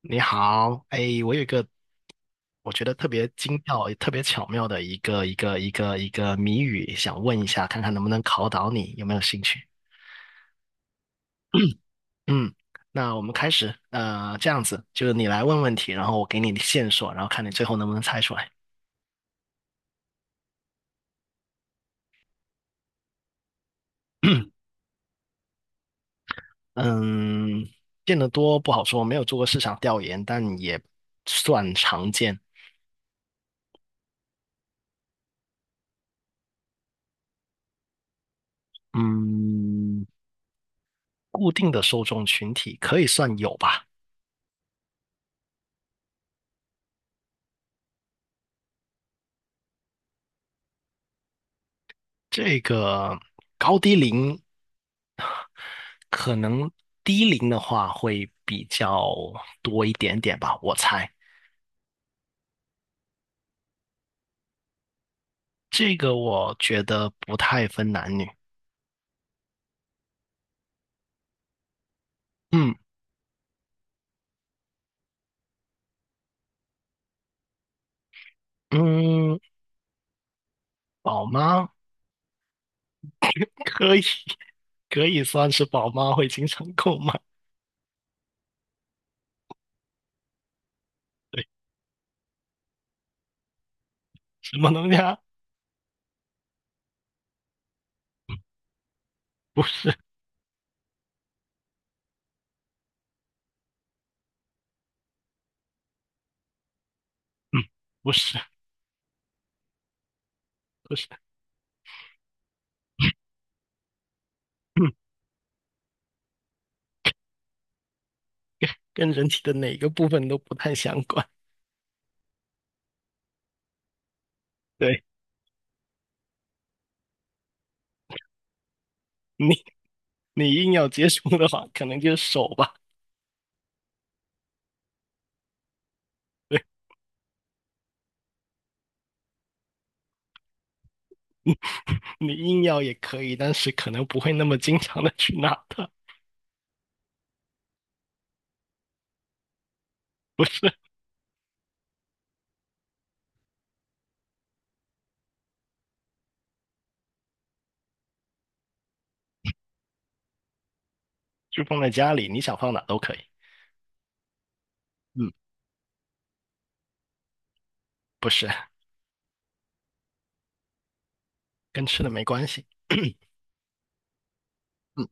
你好，哎，我有一个我觉得特别精妙、也特别巧妙的一个谜语，想问一下，看看能不能考倒你，有没有兴趣？嗯，那我们开始，这样子，就是你来问问题，然后我给你线索，然后看你最后能不能猜出来。嗯，见得多不好说，没有做过市场调研，但也算常见。嗯，固定的受众群体可以算有吧，这个高低龄。可能低龄的话会比较多一点点吧，我猜。这个我觉得不太分男女。嗯嗯，宝妈可以可以算是宝妈会经常购买，对，什么东西啊？嗯不是，嗯，不是，不是，嗯，跟人体的哪个部分都不太相关。对，你，你硬要接触的话，可能就是手吧。对，你硬要也可以，但是可能不会那么经常的去拿它。就放在家里，你想放哪都可以。嗯，不是，跟吃的没关系。嗯，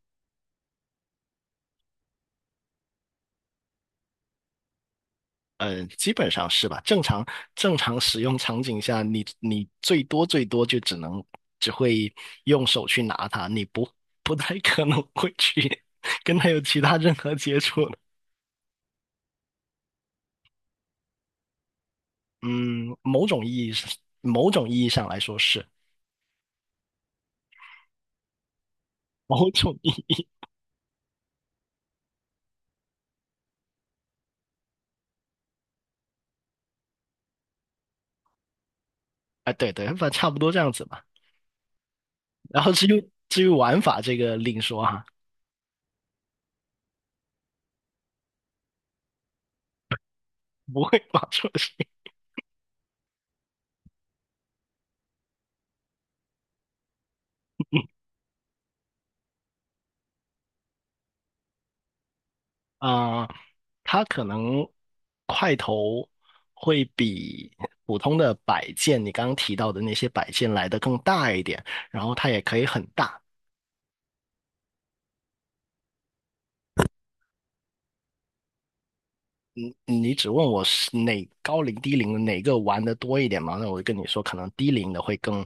基本上是吧？正常使用场景下，你最多就只会用手去拿它，你不不太可能会去 跟它有其他任何接触的。嗯，某种意义上，某种意义上来说是某种意义啊，对对，反正差不多这样子吧。然后至于玩法这个另说哈，不会玩出来。啊、它可能块头会比普通的摆件，你刚刚提到的那些摆件来的更大一点，然后它也可以很大。你只问我是哪高龄低龄的哪个玩的多一点嘛？那我就跟你说，可能低龄的会更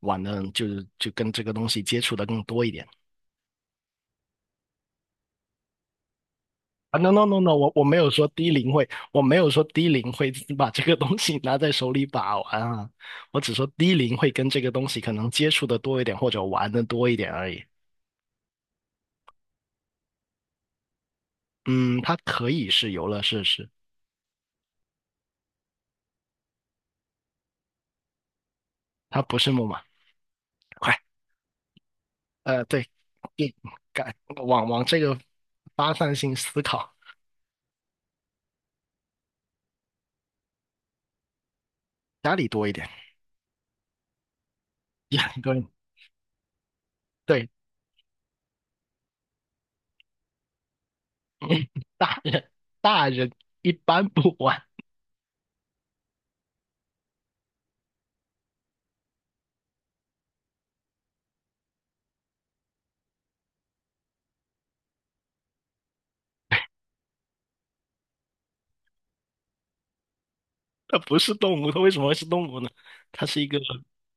玩的，就是就跟这个东西接触的更多一点。啊，no no no no，我没有说低龄会，我没有说低龄会把这个东西拿在手里把玩啊，我只说低龄会跟这个东西可能接触的多一点，或者玩的多一点而已。嗯，它可以是游乐设施，它不是木马。快，对，对，改往往这个发散性思考，家里多一点，家里多一点。对，大人大人一般不玩，它不是动物，它为什么会是动物呢？它是一个，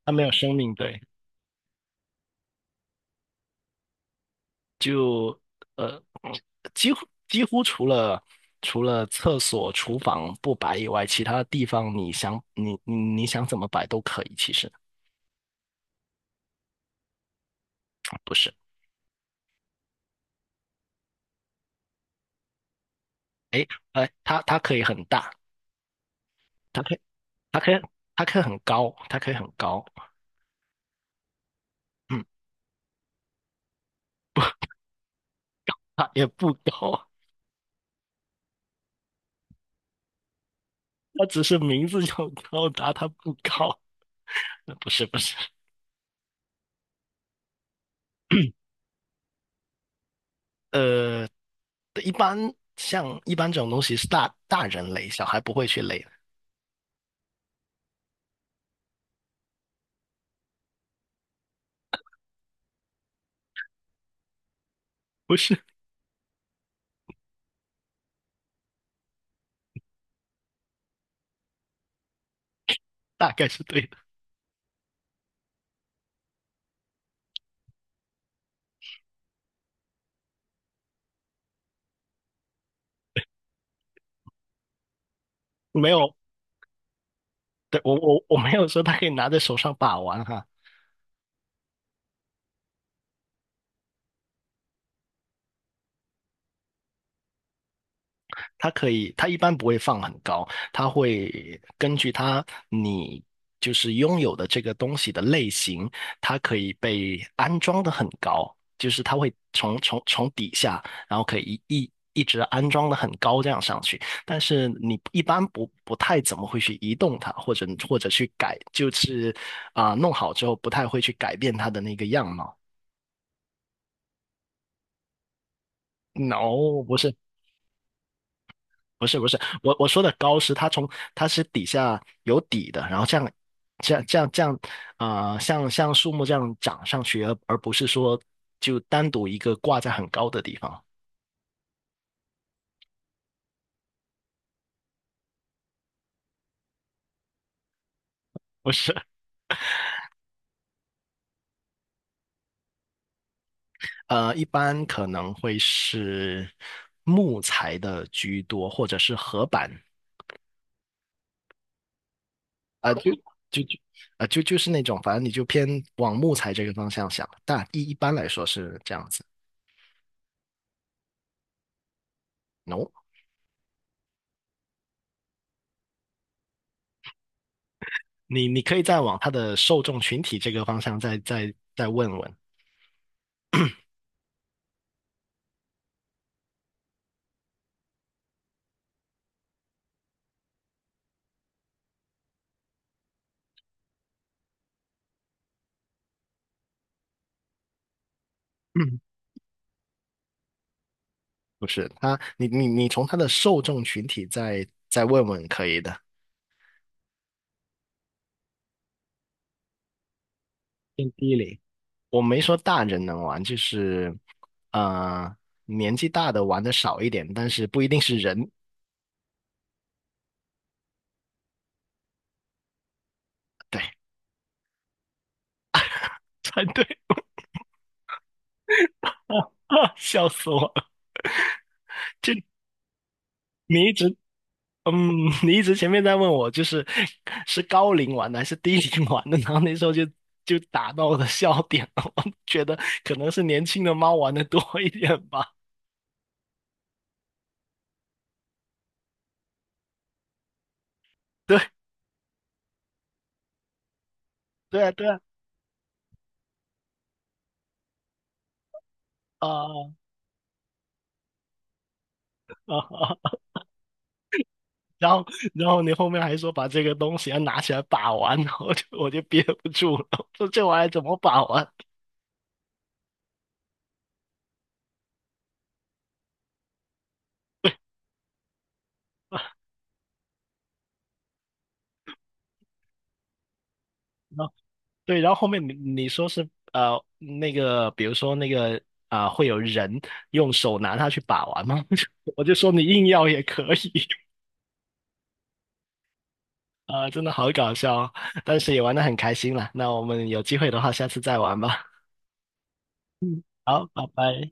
它没有生命，对。就呃，几乎除了厕所、厨房不摆以外，其他地方你想怎么摆都可以。其实不是，哎哎，它可以很大，它可以它可以它可以很高，它可以很高，嗯，它也不高，它只是名字叫高达，它不高。不是不是，呃，一般一般这种东西是大人垒，小孩不会去垒的，不是，大概是对的，没有。对，我没有说他可以拿在手上把玩哈，他可以，他一般不会放很高，他会根据你就是拥有的这个东西的类型，它可以被安装的很高，就是它会从底下，然后可以一直安装的很高这样上去，但是你一般不太怎么会去移动它，或者去改，就是弄好之后不太会去改变它的那个样貌。No，不是，不是不是，我说的高是它是底下有底的，然后这样这样这样这样，像树木这样长上去，而不是说就单独一个挂在很高的地方，不是，一般可能会是木材的居多，或者是合板，啊、就就就啊、就就是那种，反正你就偏往木材这个方向想，但一般来说是这样子。No，你可以再往他的受众群体这个方向再问问。嗯，不是他，你从他的受众群体再问问可以的。偏低龄。我没说大人能玩，就是呃年纪大的玩的少一点，但是不一定是人。对，才对，笑死我了！这，你一直嗯，你一直前面在问我，就是是高龄玩的还是低龄玩的，然后那时候就打到了笑点了。我觉得可能是年轻的猫玩的多一点吧。对对啊对啊啊啊！然后然后你后面还说把这个东西要拿起来把玩，然后我就憋不住了，我说这玩意儿怎么把玩？然后对，然后后面你说是那个，比如说那个会有人用手拿它去把玩吗？我就说你硬要也可以。啊，真的好搞笑哦，但是也玩得很开心啦。那我们有机会的话，下次再玩吧。嗯，好，拜拜。